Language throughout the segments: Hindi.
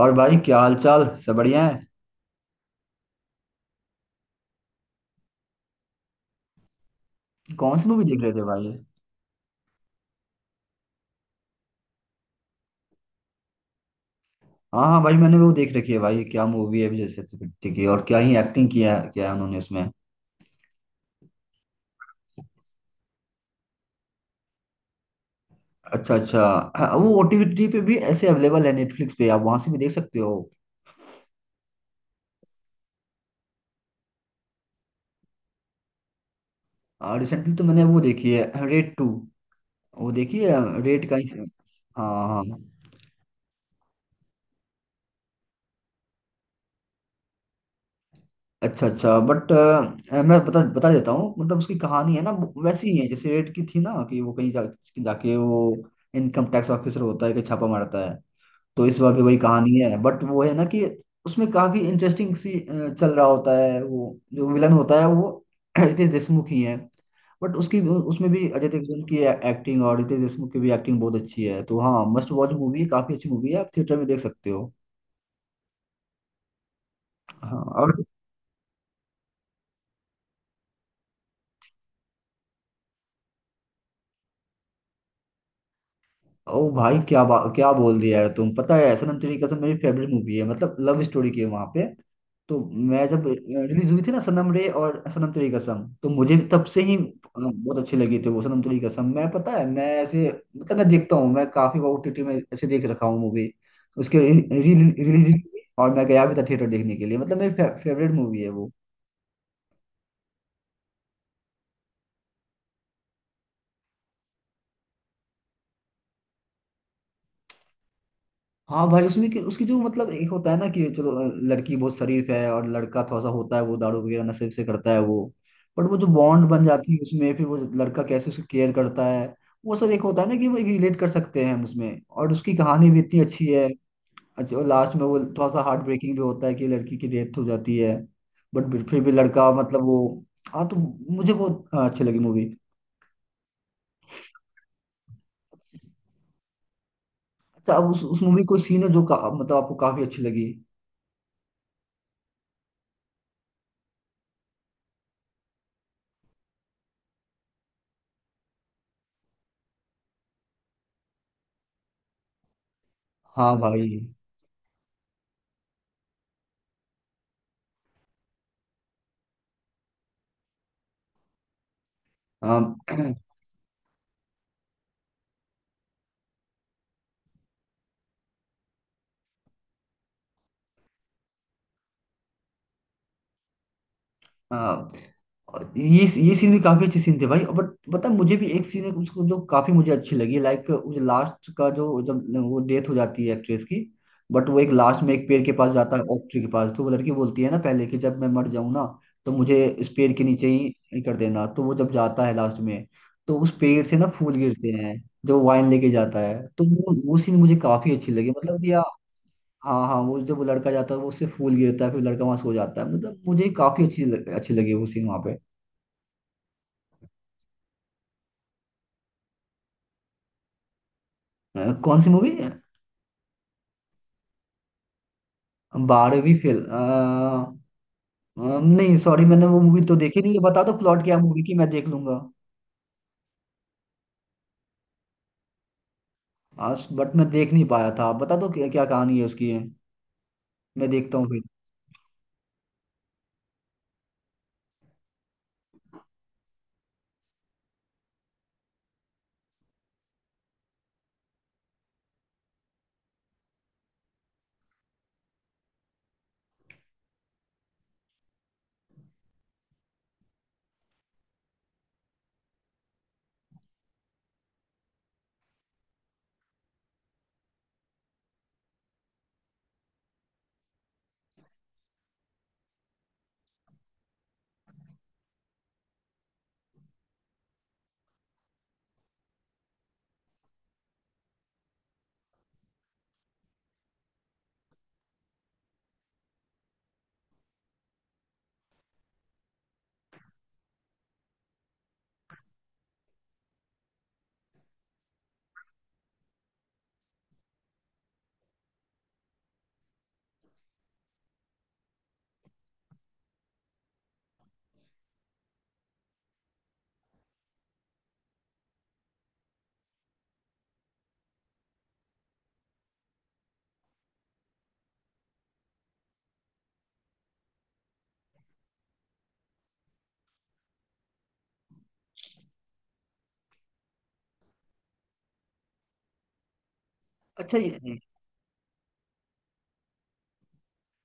और भाई क्या हाल चाल? सब बढ़िया है। कौन सी मूवी देख रहे थे, भाई? हाँ हाँ भाई, मैंने वो देख रखी है। भाई क्या मूवी है विजय सेतुपति की, और क्या ही एक्टिंग किया है, क्या है उन्होंने उसमें। अच्छा अच्छा। हाँ, वो ओटीटी पे भी ऐसे अवेलेबल है, नेटफ्लिक्स पे आप वहां से भी देख सकते हो। रिसेंटली तो मैंने वो देखी है, रेड टू। वो देखी है रेड का ही। हाँ हाँ। अच्छा अच्छा, बट मैं बता बता देता हूँ, मतलब उसकी कहानी है ना वो वैसी ही है जैसे रेड की थी ना, कि वो कहीं जाके वो इनकम टैक्स ऑफिसर होता है कि छापा मारता है। तो इस बार भी वही कहानी है, बट वो है ना कि उसमें काफी इंटरेस्टिंग सी चल रहा होता है। वो जो विलन होता है वो रितेश देशमुख ही है। बट उसकी उसमें भी अजय देवगन की एक्टिंग और रितेश देशमुख की भी एक्टिंग बहुत अच्छी है। तो हाँ, मस्ट वॉच मूवी है, काफी अच्छी मूवी है, आप थिएटर में देख सकते हो। हाँ और। ओ भाई, क्या क्या बोल दिया यार तुम, पता है सनम तेरी कसम मेरी फेवरेट मूवी है। मतलब लव स्टोरी की है वहां पे। तो मैं जब रिलीज हुई थी ना, सनम रे और सनम तेरी कसम, तो मुझे भी तब से ही बहुत अच्छी लगी थी वो सनम तेरी कसम। मैं, पता है, मैं ऐसे, मतलब मैं देखता हूँ, मैं काफी बार ओटीटी में ऐसे देख रखा हूँ मूवी। उसके रिलीज भी हुई और मैं गया भी था थिएटर देखने के लिए, मतलब मेरी फेवरेट मूवी है वो। हाँ भाई, उसमें कि उसकी जो, मतलब एक होता है ना कि चलो लड़की बहुत शरीफ है, और लड़का थोड़ा सा होता है वो, दारू वगैरह नशे से करता है वो। बट वो जो बॉन्ड बन जाती है उसमें, फिर वो लड़का कैसे उसकी केयर करता है, वो सब एक होता है ना कि वो रिलेट कर सकते हैं हम उसमें, और उसकी कहानी भी इतनी अच्छी है। अच्छा, और लास्ट में वो थोड़ा सा हार्ट ब्रेकिंग भी होता है कि लड़की की डेथ हो जाती है। बट फिर भी लड़का, मतलब वो। हाँ तो मुझे बहुत अच्छी लगी मूवी। अच्छा, अब उस मूवी कोई सीन है जो मतलब आपको काफी अच्छी लगी? हाँ भाई। हाँ। और ये सीन भी काफी अच्छे सीन थे भाई, बट पता है, मुझे भी एक सीन है उसको जो काफी मुझे अच्छी लगी। लाइक मुझे लास्ट का जो, जब वो डेथ हो जाती है एक्ट्रेस की, बट वो एक लास्ट में एक पेड़ के पास जाता है, ओक ट्री के पास। तो वो लड़की बोलती है ना पहले कि जब मैं मर जाऊं ना तो मुझे इस पेड़ के नीचे ही कर देना। तो वो जब जाता है लास्ट में तो उस पेड़ से ना फूल गिरते हैं, जो वाइन लेके जाता है, तो वो सीन मुझे काफी अच्छी लगी, मतलब कि या। हाँ हाँ, वो जब वो लड़का जाता है वो उससे फूल गिरता है, फिर लड़का वहां सो जाता है, मतलब मुझे काफी अच्छी लगी वो सीन वहां पे। कौन सी मूवी? बारहवीं फेल। नहीं सॉरी, मैंने वो मूवी तो देखी नहीं है। बता दो प्लॉट क्या मूवी की, मैं देख लूंगा। आज बट मैं देख नहीं पाया था, आप बता दो क्या क्या कहानी है उसकी है, मैं देखता हूँ फिर। अच्छा ये,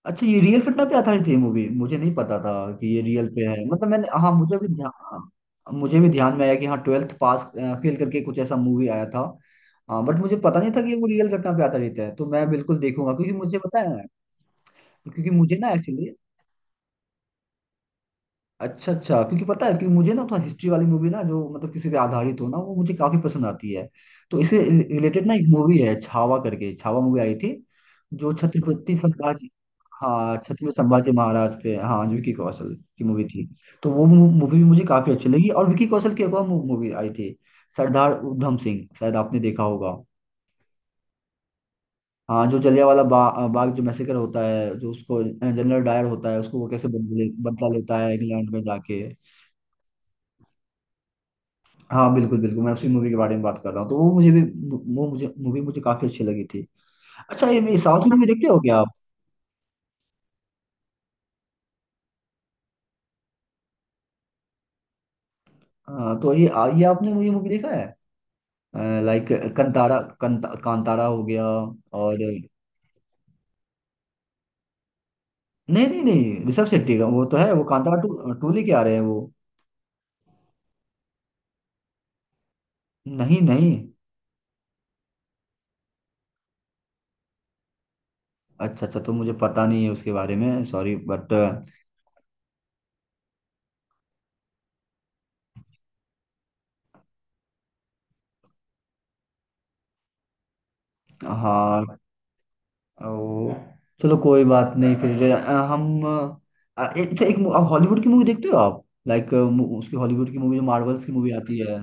अच्छा ये रियल घटना पे आधारित है मूवी, मुझे नहीं पता था कि ये रियल पे है। मतलब मैंने, हाँ मुझे भी ध्यान, मुझे भी ध्यान में आया कि हाँ ट्वेल्थ पास फेल करके कुछ ऐसा मूवी आया था। हाँ बट मुझे पता नहीं था कि वो रियल घटना पे आधारित है, तो मैं बिल्कुल देखूंगा, क्योंकि मुझे पता है। क्योंकि मुझे ना एक्चुअली, अच्छा अच्छा, क्योंकि पता है कि मुझे ना थोड़ा हिस्ट्री वाली मूवी ना, जो मतलब किसी पे आधारित हो ना, वो मुझे काफी पसंद आती है। तो इससे रिलेटेड ना एक मूवी है, छावा करके छावा मूवी आई थी, जो छत्रपति संभाजी। हाँ, छत्रपति संभाजी महाराज पे, हाँ, जो विकी कौशल की मूवी थी। तो वो मूवी भी मुझे काफी अच्छी लगी, और विकी कौशल की एक और मूवी आई थी सरदार उधम सिंह, शायद आपने देखा होगा। हाँ, जो जलियांवाला बाग जो मैसेकर होता है, जो उसको जनरल डायर होता है, उसको वो कैसे बदले बदला लेता है इंग्लैंड में जाके। हाँ बिल्कुल बिल्कुल मैं उसी मूवी के बारे में बात कर रहा हूँ। तो वो मुझे भी, वो मुझे मूवी मुझे काफी अच्छी लगी थी। अच्छा, ये साउथ मूवी देखते हो क्या आप? तो ये ये आपने मुझे मूवी देखा है, लाइक कंतारा कांतारा हो गया? और नहीं, नहीं नहीं, ऋषभ शेट्टी का वो तो है, वो कांतारा टू टू लेके आ रहे हैं वो। नहीं नहीं। अच्छा अच्छा, तो मुझे पता नहीं है उसके बारे में, सॉरी, बट। हाँ। ओ, चलो कोई बात नहीं, फिर हम अच्छा, एक आप हॉलीवुड की मूवी देखते हो आप, लाइक उसकी हॉलीवुड की मूवी जो मार्वल्स की मूवी आती है?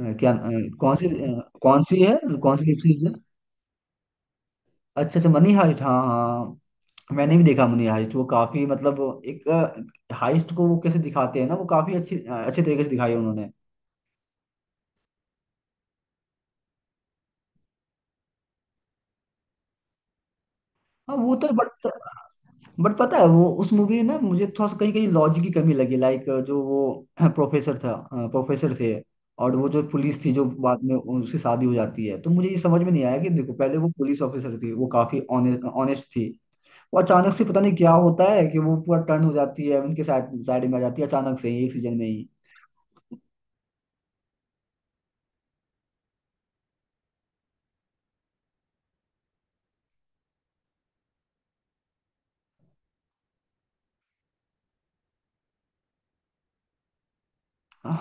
क्या? कौन सी? कौन सी है? कौन सी वेब सीरीज है? अच्छा अच्छा, मनी हाइस्ट, हाँ हाँ हाँ। मैंने भी देखा मनी हाइस्ट, वो काफी मतलब एक हाइस्ट को वो कैसे दिखाते हैं ना, वो काफी अच्छी अच्छे तरीके से दिखाई है उन्होंने। हाँ वो तो, बट पता है वो उस मूवी में ना मुझे थोड़ा सा कहीं कहीं लॉजिक की कमी लगी। लाइक जो वो प्रोफेसर था, प्रोफेसर थे, और वो जो पुलिस थी जो बाद में उसकी शादी हो जाती है, तो मुझे ये समझ में नहीं आया कि देखो पहले वो पुलिस ऑफिसर थी, वो काफी ऑनेस्ट थी। वो अचानक से पता नहीं क्या होता है कि वो पूरा टर्न हो जाती है, उनके साइड साइड में आ जाती है अचानक से ही एक सीजन में ही।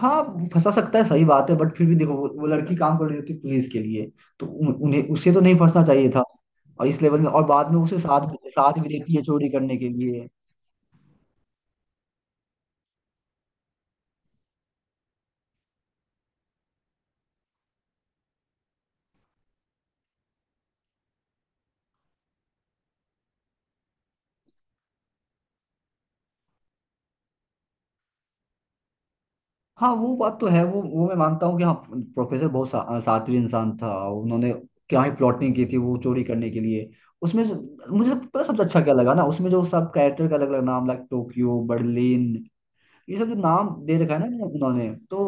हाँ, वो फंसा सकता है, सही बात है, बट फिर भी देखो वो लड़की काम कर रही होती पुलिस के लिए, तो उन्हें उसे तो नहीं फंसना चाहिए था। और इस लेवल में, और बाद में उसे साथ साथ भी देती है चोरी करने के लिए। हाँ वो बात तो है, वो मैं मानता हूँ कि हाँ प्रोफेसर बहुत शातिर इंसान था। उन्होंने क्या ही प्लॉटिंग की थी वो चोरी करने के लिए। उसमें मुझे पता सबसे अच्छा क्या लगा ना उसमें, जो सब कैरेक्टर का अलग अलग नाम, लाइक टोक्यो, बर्लिन, ये सब जो नाम दे रखा है ना उन्होंने, तो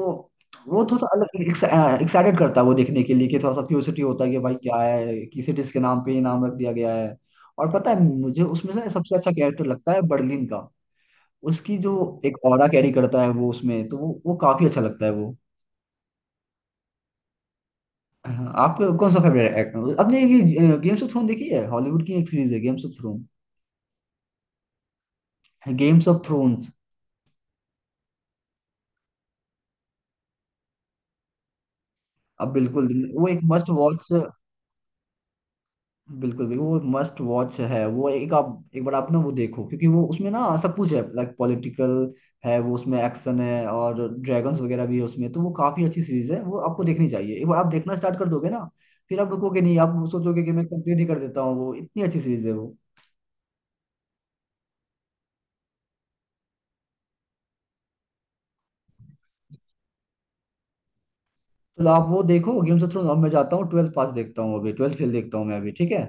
वो थोड़ा सा अलग एक्साइटेड करता है वो देखने के लिए, कि थोड़ा सा क्यूरियोसिटी होता है कि भाई क्या है, किस डिश के नाम पे ये नाम रख दिया गया है। और पता है मुझे उसमें से सबसे अच्छा कैरेक्टर लगता है बर्लिन का। उसकी जो एक ऑरा कैरी करता है वो उसमें, तो वो काफी अच्छा लगता है वो। हाँ, आपका कौन सा फेवरेट एक्टर? आपने ये गेम्स ऑफ थ्रोन देखी है, हॉलीवुड की एक सीरीज है games of throne, games of thrones? अब बिल्कुल, वो एक मस्ट वॉच, बिल्कुल बिल्कुल वो मस्ट वॉच है। वो एक आप, एक बार आप ना वो देखो, क्योंकि वो उसमें ना सब कुछ है, लाइक पॉलिटिकल है वो, उसमें एक्शन है, और ड्रैगन्स वगैरह भी है उसमें। तो वो काफी अच्छी सीरीज है, वो आपको देखनी चाहिए एक बार। आप देखना स्टार्ट कर दोगे ना, फिर आप रुकोगे नहीं, आप सोचोगे कि मैं कंप्लीट ही कर देता हूँ, वो इतनी अच्छी सीरीज है वो। तो आप वो देखो गेम्स ऑफ थ्रोन्स, अब मैं जाता हूँ ट्वेल्थ पास देखता हूँ, अभी ट्वेल्थ फेल देखता हूँ मैं अभी, ठीक है?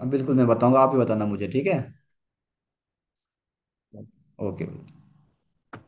अब बिल्कुल मैं बताऊंगा, आप ही बताना मुझे, ठीक है? ओके।